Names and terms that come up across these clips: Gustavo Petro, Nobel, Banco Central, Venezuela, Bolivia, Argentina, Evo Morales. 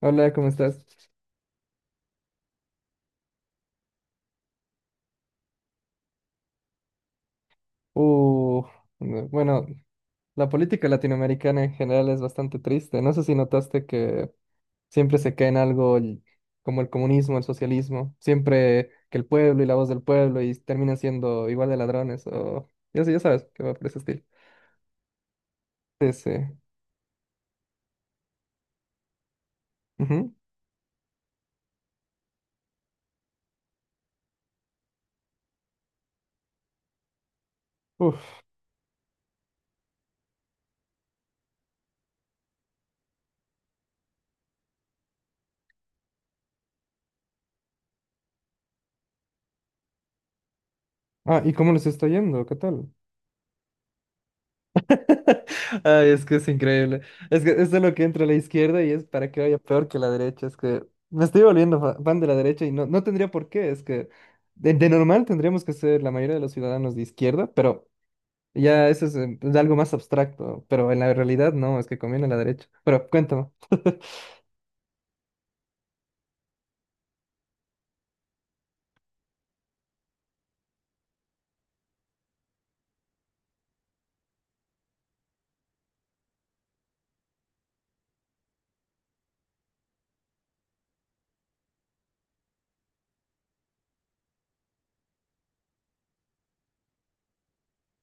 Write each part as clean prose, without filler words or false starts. Hola, ¿cómo estás? Uh, no, bueno, la política latinoamericana en general es bastante triste. No sé si notaste que siempre se cae en algo como el comunismo, el socialismo, siempre que el pueblo y la voz del pueblo y terminan siendo igual de ladrones o ya sé, ya sabes que va por ese estilo. Sí, sí. Ujú. Uf. Ah, ¿y cómo les está yendo? ¿Qué tal? Ay, es que es increíble. Es que es de lo que entra a la izquierda y es para que vaya peor que la derecha. Es que me estoy volviendo fan de la derecha y no, no tendría por qué. Es que de normal tendríamos que ser la mayoría de los ciudadanos de izquierda, pero ya eso es algo más abstracto. Pero en la realidad no, es que conviene la derecha. Pero cuéntame.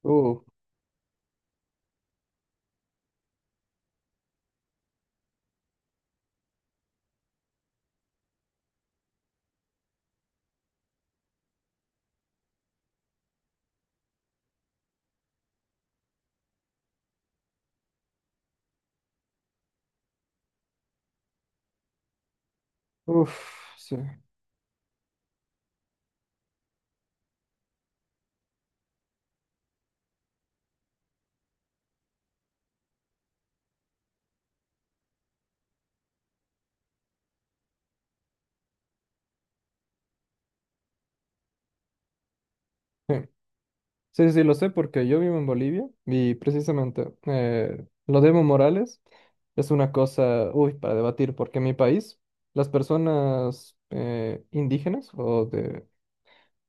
Uh, uf, sí. Sí, sí, sí, lo sé porque yo vivo en Bolivia y precisamente lo de Evo Morales es una cosa, uy, para debatir, porque en mi país las personas indígenas o de,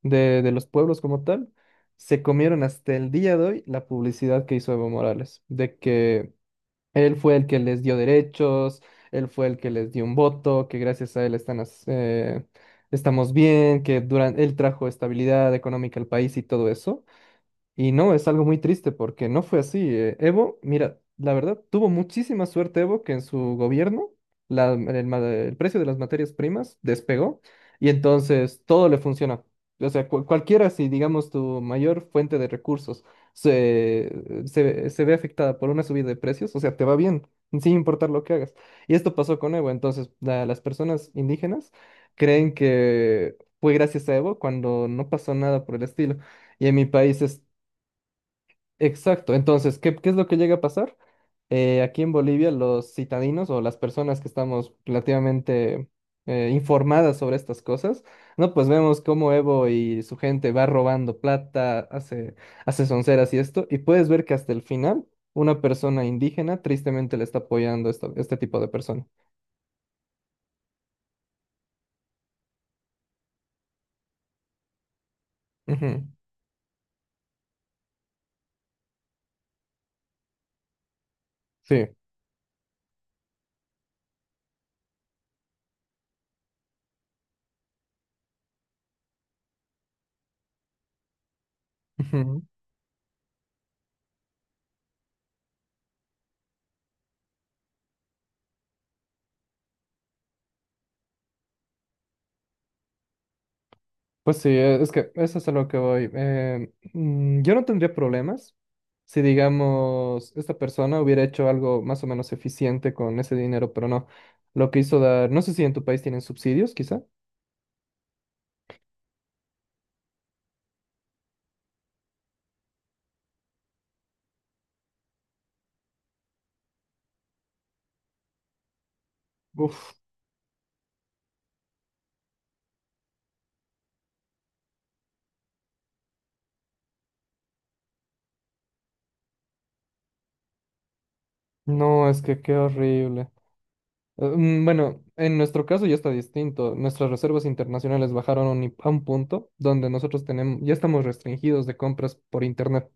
de, de los pueblos como tal se comieron hasta el día de hoy la publicidad que hizo Evo Morales, de que él fue el que les dio derechos, él fue el que les dio un voto, que gracias a él están, estamos bien, que durante, él trajo estabilidad económica al país y todo eso. Y no, es algo muy triste porque no fue así. Evo, mira, la verdad, tuvo muchísima suerte Evo que en su gobierno el precio de las materias primas despegó y entonces todo le funciona. O sea, cualquiera, si digamos tu mayor fuente de recursos se ve afectada por una subida de precios, o sea, te va bien, sin importar lo que hagas. Y esto pasó con Evo, entonces las personas indígenas creen que fue gracias a Evo cuando no pasó nada por el estilo. Y en mi país. Exacto. Entonces, ¿qué es lo que llega a pasar? Aquí en Bolivia, los citadinos o las personas que estamos relativamente informadas sobre estas cosas, ¿no? Pues vemos cómo Evo y su gente va robando plata, hace sonceras y esto, y puedes ver que hasta el final una persona indígena tristemente le está apoyando esto, este tipo de persona. Ujú. Sí. Pues sí, es que eso es a lo que voy. Yo no tendría problemas si, digamos, esta persona hubiera hecho algo más o menos eficiente con ese dinero, pero no. Lo que hizo dar, no sé si en tu país tienen subsidios, quizá. Uf, no, es que qué horrible. Bueno, en nuestro caso ya está distinto. Nuestras reservas internacionales bajaron a un punto donde nosotros tenemos, ya estamos restringidos de compras por internet.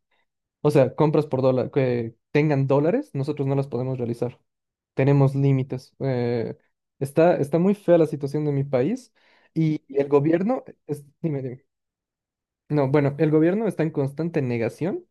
O sea, compras por dólar, que tengan dólares, nosotros no las podemos realizar. Tenemos límites. Está muy fea la situación de mi país y el gobierno, dime, dime. No, bueno, el gobierno está en constante negación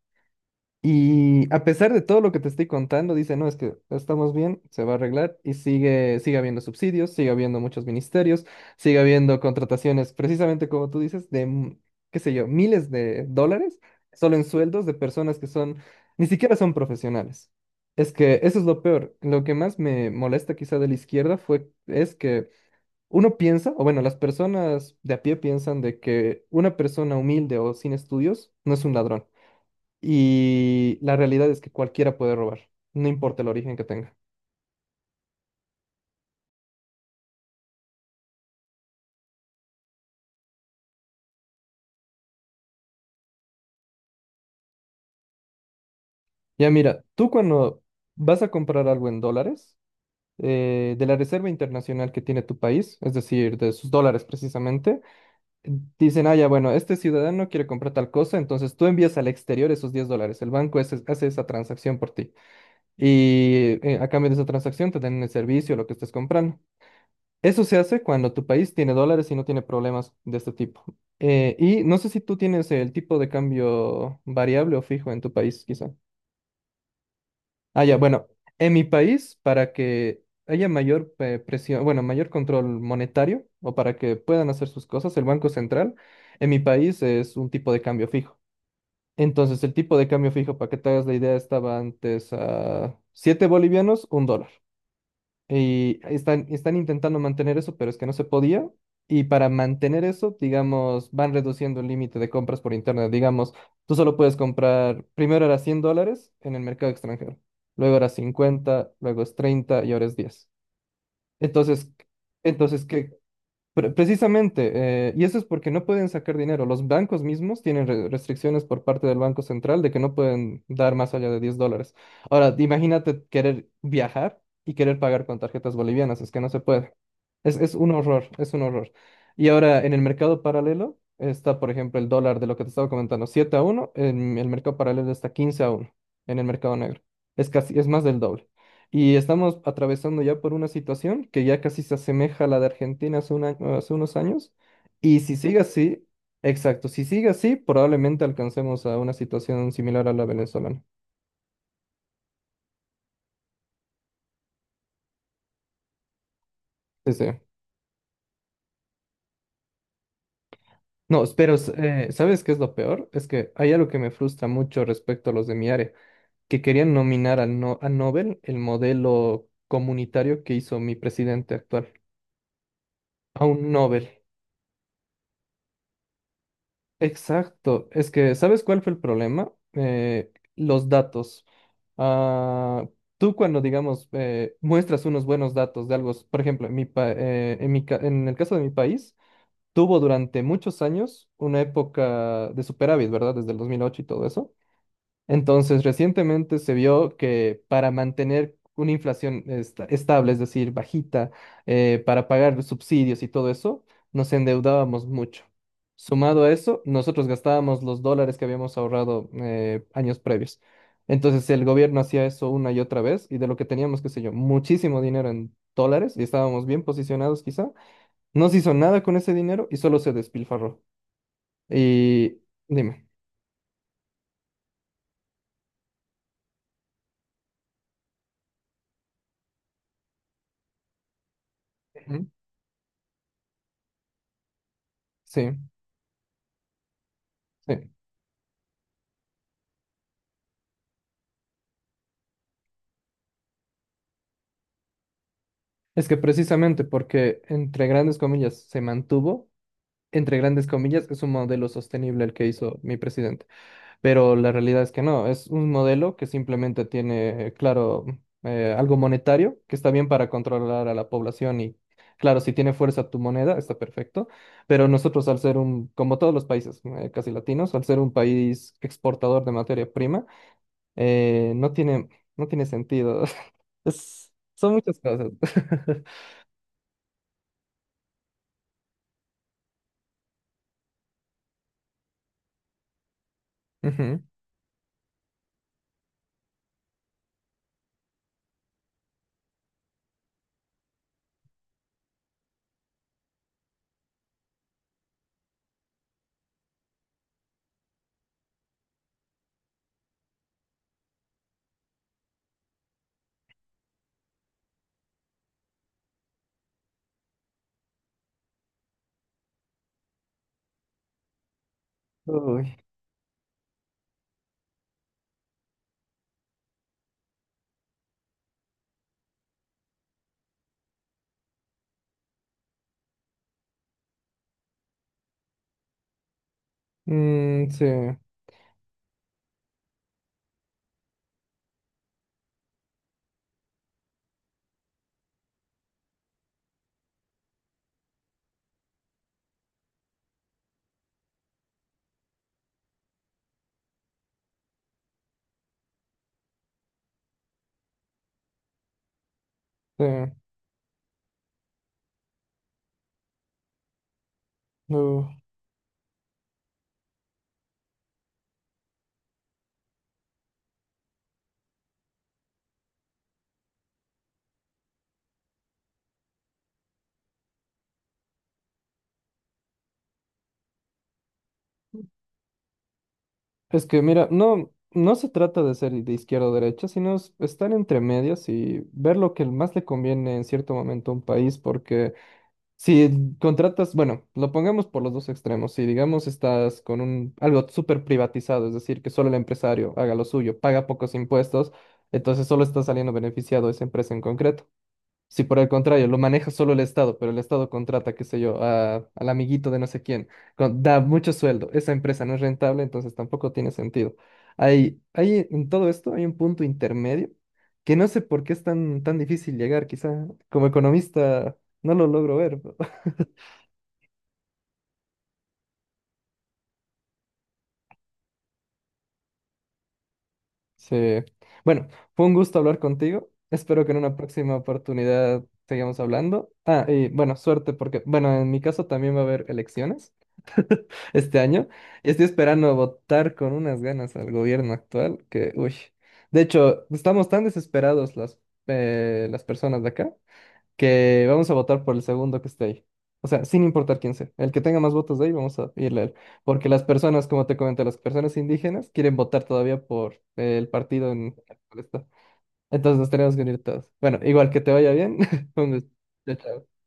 y a pesar de todo lo que te estoy contando, dice, no, es que estamos bien, se va a arreglar y sigue habiendo subsidios, sigue habiendo muchos ministerios, sigue habiendo contrataciones, precisamente como tú dices, de, qué sé yo, miles de dólares solo en sueldos de personas que son, ni siquiera son profesionales. Es que eso es lo peor. Lo que más me molesta quizá de la izquierda fue, es que uno piensa, o bueno, las personas de a pie piensan de que una persona humilde o sin estudios no es un ladrón. Y la realidad es que cualquiera puede robar, no importa el origen que tenga. Ya mira, tú cuando vas a comprar algo en dólares, de la reserva internacional que tiene tu país, es decir, de sus dólares precisamente, dicen, ah, ya, bueno, este ciudadano quiere comprar tal cosa, entonces tú envías al exterior esos $10, el banco hace esa transacción por ti. Y a cambio de esa transacción te dan el servicio, lo que estés comprando. Eso se hace cuando tu país tiene dólares y no tiene problemas de este tipo. Y no sé si tú tienes el tipo de cambio variable o fijo en tu país, quizá. Ah, ya, bueno, en mi país, para que haya mayor presión, bueno, mayor control monetario o para que puedan hacer sus cosas, el Banco Central en mi país es un tipo de cambio fijo. Entonces, el tipo de cambio fijo, para que te hagas la idea, estaba antes a 7 bolivianos, un dólar. Y están intentando mantener eso, pero es que no se podía. Y para mantener eso, digamos, van reduciendo el límite de compras por internet. Digamos, tú solo puedes comprar, primero era $100 en el mercado extranjero, luego era 50 luego es 30 y ahora es 10. Entonces, entonces, ¿qué, precisamente, y eso es porque no pueden sacar dinero. Los bancos mismos tienen restricciones por parte del Banco Central de que no pueden dar más allá de $10. Ahora, imagínate querer viajar y querer pagar con tarjetas bolivianas, es que no se puede. Es un horror, es un horror. Y ahora, en el mercado paralelo está, por ejemplo, el dólar de lo que te estaba comentando, 7 a uno, en el mercado paralelo está 15 a uno en el mercado negro. Es casi, es más del doble. Y estamos atravesando ya por una situación que ya casi se asemeja a la de Argentina hace unos años. Y si sigue así, exacto, si sigue así, probablemente alcancemos a una situación similar a la venezolana. Sí, sí. No, pero ¿sabes qué es lo peor? Es que hay algo que me frustra mucho respecto a los de mi área, que querían nominar a, no a Nobel el modelo comunitario que hizo mi presidente actual, a un Nobel. Exacto. Es que, ¿sabes cuál fue el problema? Los datos. Ah, tú cuando, digamos, muestras unos buenos datos de algo, por ejemplo, en mi pa- en mi ca- en el caso de mi país, tuvo durante muchos años una época de superávit, ¿verdad? Desde el 2008 y todo eso. Entonces, recientemente se vio que para mantener una inflación estable, es decir, bajita, para pagar los subsidios y todo eso, nos endeudábamos mucho. Sumado a eso, nosotros gastábamos los dólares que habíamos ahorrado años previos. Entonces, el gobierno hacía eso una y otra vez y de lo que teníamos, qué sé yo, muchísimo dinero en dólares y estábamos bien posicionados quizá, no se hizo nada con ese dinero y solo se despilfarró. Y dime. Ujú. Sí, sí. Es que precisamente porque entre grandes comillas se mantuvo, entre grandes comillas es un modelo sostenible el que hizo mi presidente, pero la realidad es que no, es un modelo que simplemente tiene, claro, algo monetario que está bien para controlar a la población y, claro, si tiene fuerza tu moneda está perfecto, pero nosotros al ser un, como todos los países casi latinos, al ser un país exportador de materia prima, no tiene, no tiene sentido. Son muchas cosas. Ujú. Uy, mm, sí, sí. uh. Es que mira, no, no se trata de ser de izquierda o derecha, sino es estar entre medias y ver lo que más le conviene en cierto momento a un país, porque si contratas, bueno, lo pongamos por los dos extremos, si digamos estás con un algo súper privatizado, es decir, que solo el empresario haga lo suyo, paga pocos impuestos, entonces solo está saliendo beneficiado esa empresa en concreto. Si por el contrario lo maneja solo el Estado, pero el Estado contrata, qué sé yo, a- al amiguito de no sé quién, da mucho sueldo, esa empresa no es rentable, entonces tampoco tiene sentido. Hay, en todo esto hay un punto intermedio que no sé por qué es tan, tan difícil llegar, quizá como economista no lo logro ver. Sí. Bueno, fue un gusto hablar contigo. Espero que en una próxima oportunidad sigamos hablando. Ah, y bueno, suerte porque, bueno, en mi caso también va a haber elecciones este año. Y estoy esperando votar con unas ganas al gobierno actual que, uy. De hecho, estamos tan desesperados las personas de acá que vamos a votar por el segundo que esté ahí. O sea, sin importar quién sea. El que tenga más votos de ahí, vamos a irle a él. Porque las personas, como te comenté, las personas indígenas quieren votar todavía por el partido en el cual está. Entonces nos tenemos que unir todos. Bueno, igual que te vaya bien. Un gusto. Chao, chao.